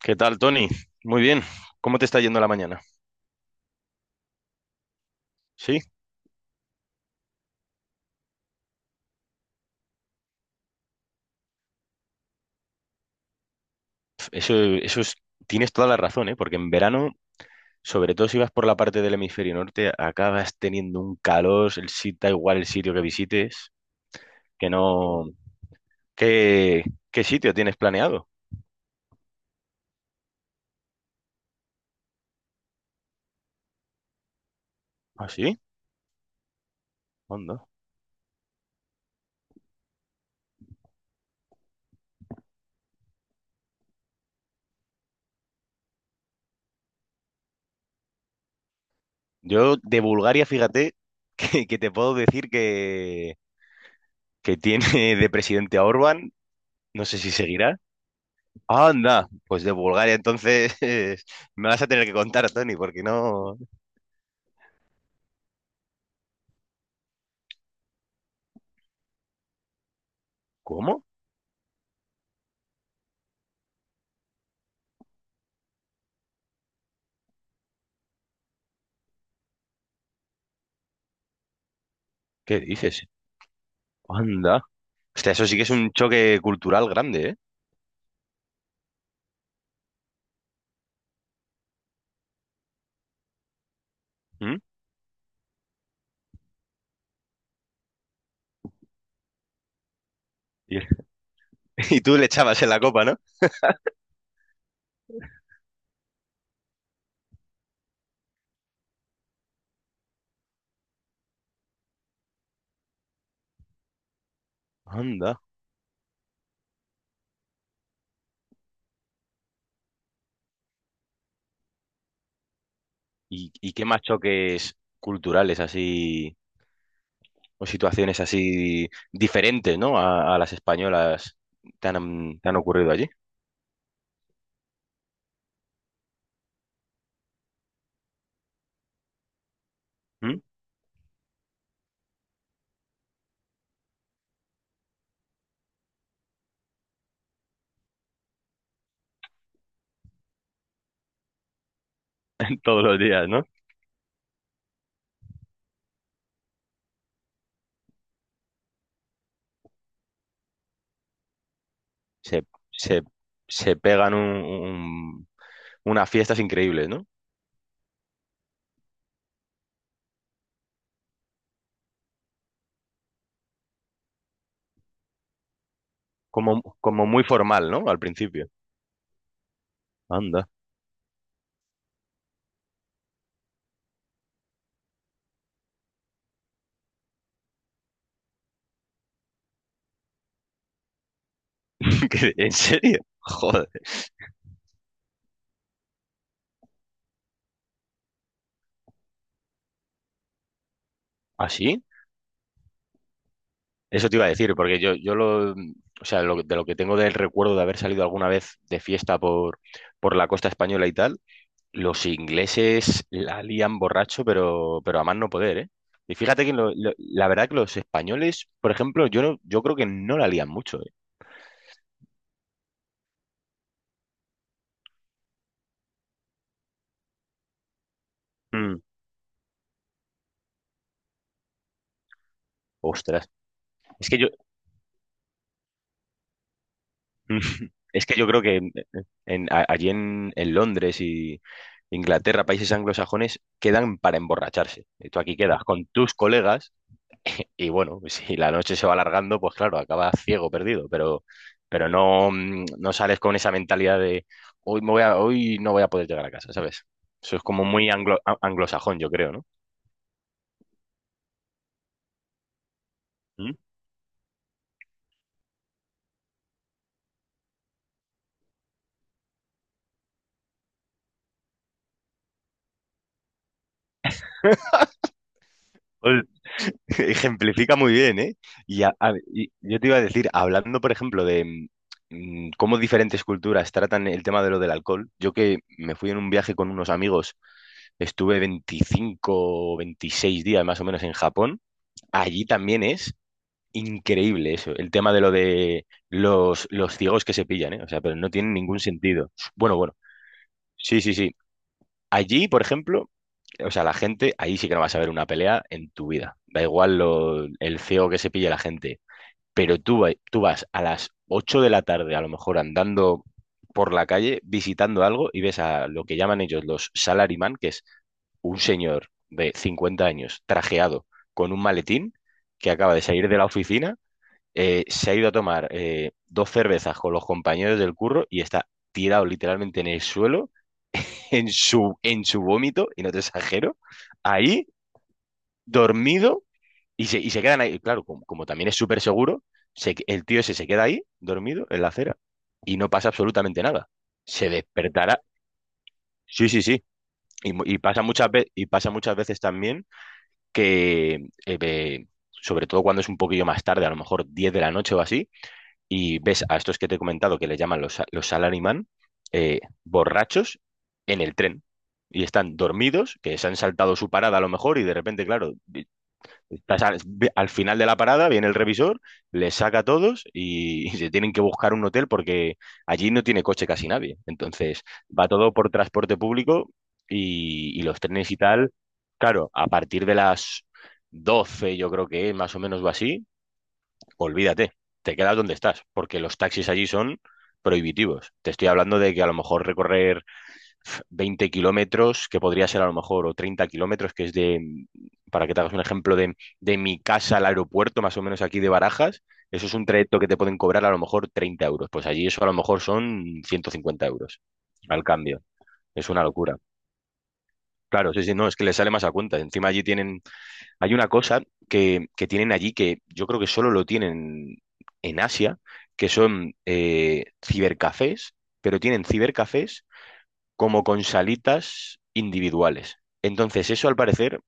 ¿Qué tal, Tony? Muy bien. ¿Cómo te está yendo la mañana? Sí, eso es, tienes toda la razón, ¿eh? Porque en verano, sobre todo si vas por la parte del hemisferio norte, acabas teniendo un calor, el sitio da igual el sitio que visites, que no. ¿Qué, qué sitio tienes planeado? ¿Ah, sí? Onda. Yo de Bulgaria, fíjate, que te puedo decir que tiene de presidente a Orbán, no sé si seguirá. Anda, pues de Bulgaria entonces me vas a tener que contar, Tony, porque no. ¿Cómo? ¿Qué dices? Anda. Hostia, eso sí que es un choque cultural grande, ¿eh? ¿Mm? Y, y tú le echabas en la copa, ¿no? Anda. ¿Y qué más choques culturales así o situaciones así diferentes, ¿no? A las españolas te han ocurrido allí? ¿Mm? Todos los días, ¿no? Se, se, se pegan unas fiestas increíbles, ¿no? Como muy formal, ¿no? Al principio. Anda. ¿En serio? Joder. ¿Así? Eso te iba a decir, porque yo o sea, de lo que tengo del recuerdo de haber salido alguna vez de fiesta por la costa española y tal, los ingleses la lían borracho, pero, a más no poder, ¿eh? Y fíjate que la verdad que los españoles, por ejemplo, yo creo que no la lían mucho, ¿eh? Mm. Ostras, es que yo, es que yo creo que allí en Londres y Inglaterra, países anglosajones, quedan para emborracharse. Y tú aquí quedas con tus colegas. Y bueno, si la noche se va alargando, pues claro, acabas ciego, perdido, pero no, no sales con esa mentalidad de hoy no voy a poder llegar a casa, ¿sabes? Eso es como muy anglosajón, yo creo, ¿no? ¿Mm? Ol- Ejemplifica muy bien, ¿eh? Y yo te iba a decir, hablando, por ejemplo, de cómo diferentes culturas tratan el tema de lo del alcohol, yo que me fui en un viaje con unos amigos, estuve 25 o 26 días más o menos en Japón, allí también es increíble eso, el tema de lo de los ciegos que se pillan, ¿eh? O sea, pero no tiene ningún sentido. Bueno, bueno, sí, sí, sí. Allí, por ejemplo, o sea, la gente, ahí sí que no vas a ver una pelea en tu vida. Da igual lo, el ciego que se pille la gente. Pero tú vas a las 8 de la tarde, a lo mejor andando por la calle, visitando algo y ves a lo que llaman ellos los salaryman, que es un señor de 50 años trajeado con un maletín que acaba de salir de la oficina. Se ha ido a tomar dos cervezas con los compañeros del curro y está tirado literalmente en el suelo, en su vómito, y no te exagero, ahí, dormido, y se quedan ahí. Claro, como también es súper seguro, el tío ese se queda ahí, dormido, en la acera, y no pasa absolutamente nada. Se despertará. Sí, sí, sí. Y pasa muchas veces, y pasa muchas veces también que, sobre todo cuando es un poquillo más tarde, a lo mejor 10 de la noche o así, y ves a estos que te he comentado que le llaman los salaryman, borrachos en el tren. Y están dormidos, que se han saltado su parada a lo mejor, y de repente, claro, estás al final de la parada, viene el revisor, les saca a todos y, se tienen que buscar un hotel porque allí no tiene coche casi nadie. Entonces, va todo por transporte público y los trenes y tal, claro, a partir de las 12 yo creo que es, más o menos o así, olvídate, te quedas donde estás, porque los taxis allí son prohibitivos. Te estoy hablando de que a lo mejor recorrer 20 kilómetros, que podría ser a lo mejor, o 30 kilómetros, que es de, para que te hagas un ejemplo, de mi casa al aeropuerto, más o menos aquí de Barajas, eso es un trayecto que te pueden cobrar a lo mejor 30 euros. Pues allí eso a lo mejor son 150 € al cambio. Es una locura. Claro, sí, sí, no, es que les sale más a cuenta. Encima allí tienen hay una cosa que tienen allí que yo creo que solo lo tienen en Asia, que son cibercafés, pero tienen cibercafés como con salitas individuales. Entonces, eso al parecer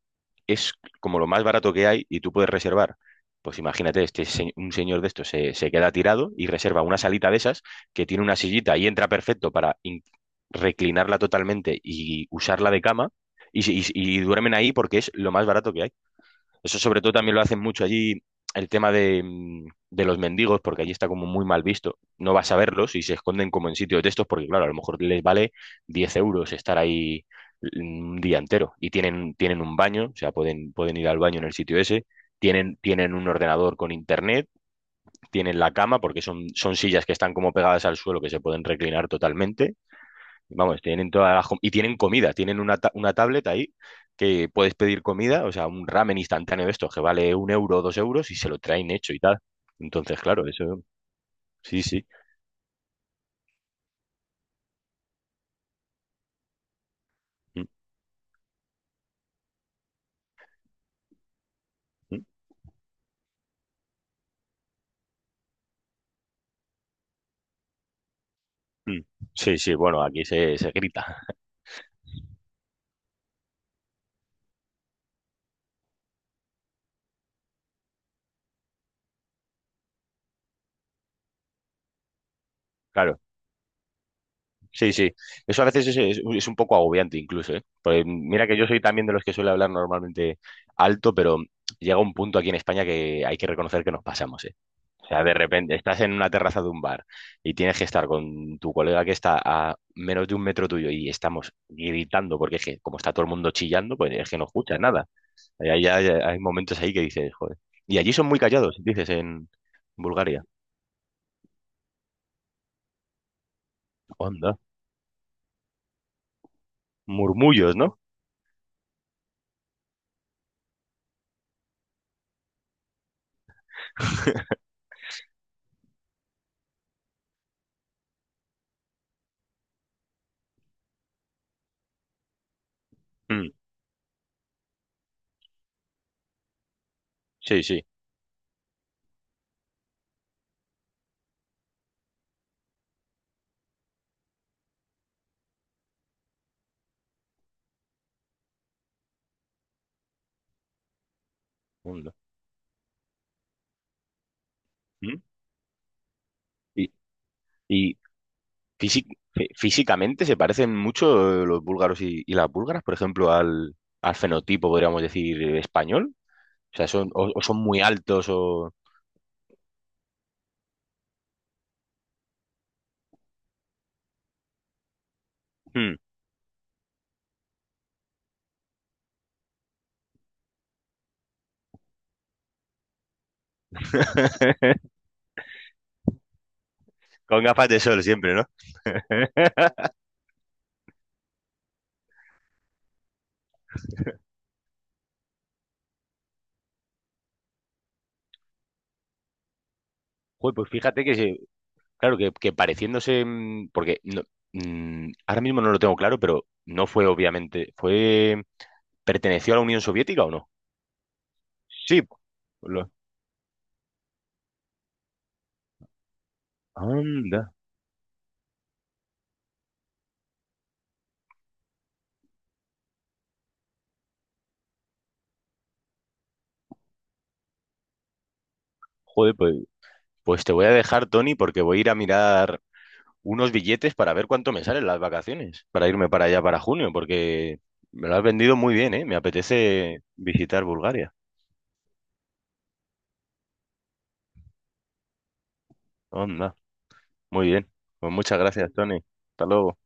es como lo más barato que hay y tú puedes reservar. Pues imagínate, un señor de estos se queda tirado y reserva una salita de esas que tiene una sillita y entra perfecto para reclinarla totalmente y usarla de cama y duermen ahí porque es lo más barato que hay. Eso sobre todo también lo hacen mucho allí el tema de los mendigos, porque allí está como muy mal visto. No vas a verlos y se esconden como en sitios de estos, porque claro, a lo mejor les vale 10 € estar ahí, un día entero. Y tienen un baño, o sea, pueden ir al baño en el sitio ese. Tienen un ordenador con internet, tienen la cama, porque son sillas que están como pegadas al suelo que se pueden reclinar totalmente. Vamos, tienen todas y tienen comida, tienen una tablet ahí que puedes pedir comida, o sea, un ramen instantáneo de estos que vale 1 € o 2 € y se lo traen hecho y tal. Entonces, claro, eso, sí, sí. Mm, mm, mm. Sí, sí, bueno, aquí se grita, claro. Sí, sí. Eso a veces es un poco agobiante incluso, ¿eh? Pues mira que yo soy también de los que suele hablar normalmente alto, pero llega un punto aquí en España que hay que reconocer que nos pasamos, ¿eh? O sea, de repente estás en una terraza de un bar y tienes que estar con tu colega que está a menos de un metro tuyo y estamos gritando porque es que como está todo el mundo chillando, pues es que no escuchas nada. Hay momentos ahí que dices, joder. Y allí son muy callados, dices, en Bulgaria. Onda. Murmullos, ¿no? Mm, sí, sí. Onda. Mm. Y, y físi- físicamente se parecen mucho los búlgaros y las búlgaras, por ejemplo, al fenotipo, podríamos decir, español. O sea, son, o son muy altos o. Hmm. Con gafas de sol siempre, ¿no? Joder, pues fíjate que, claro, que pareciéndose, porque ahora mismo no lo tengo claro, pero no fue obviamente, ¿perteneció a la Unión Soviética o no? Sí. lo- anda, joder, pues te voy a dejar, Tony, porque voy a ir a mirar unos billetes para ver cuánto me salen las vacaciones, para irme para allá para junio, porque me lo has vendido muy bien, ¿eh? Me apetece visitar Bulgaria. Anda. Muy bien. Pues muchas gracias, Tony. Hasta luego.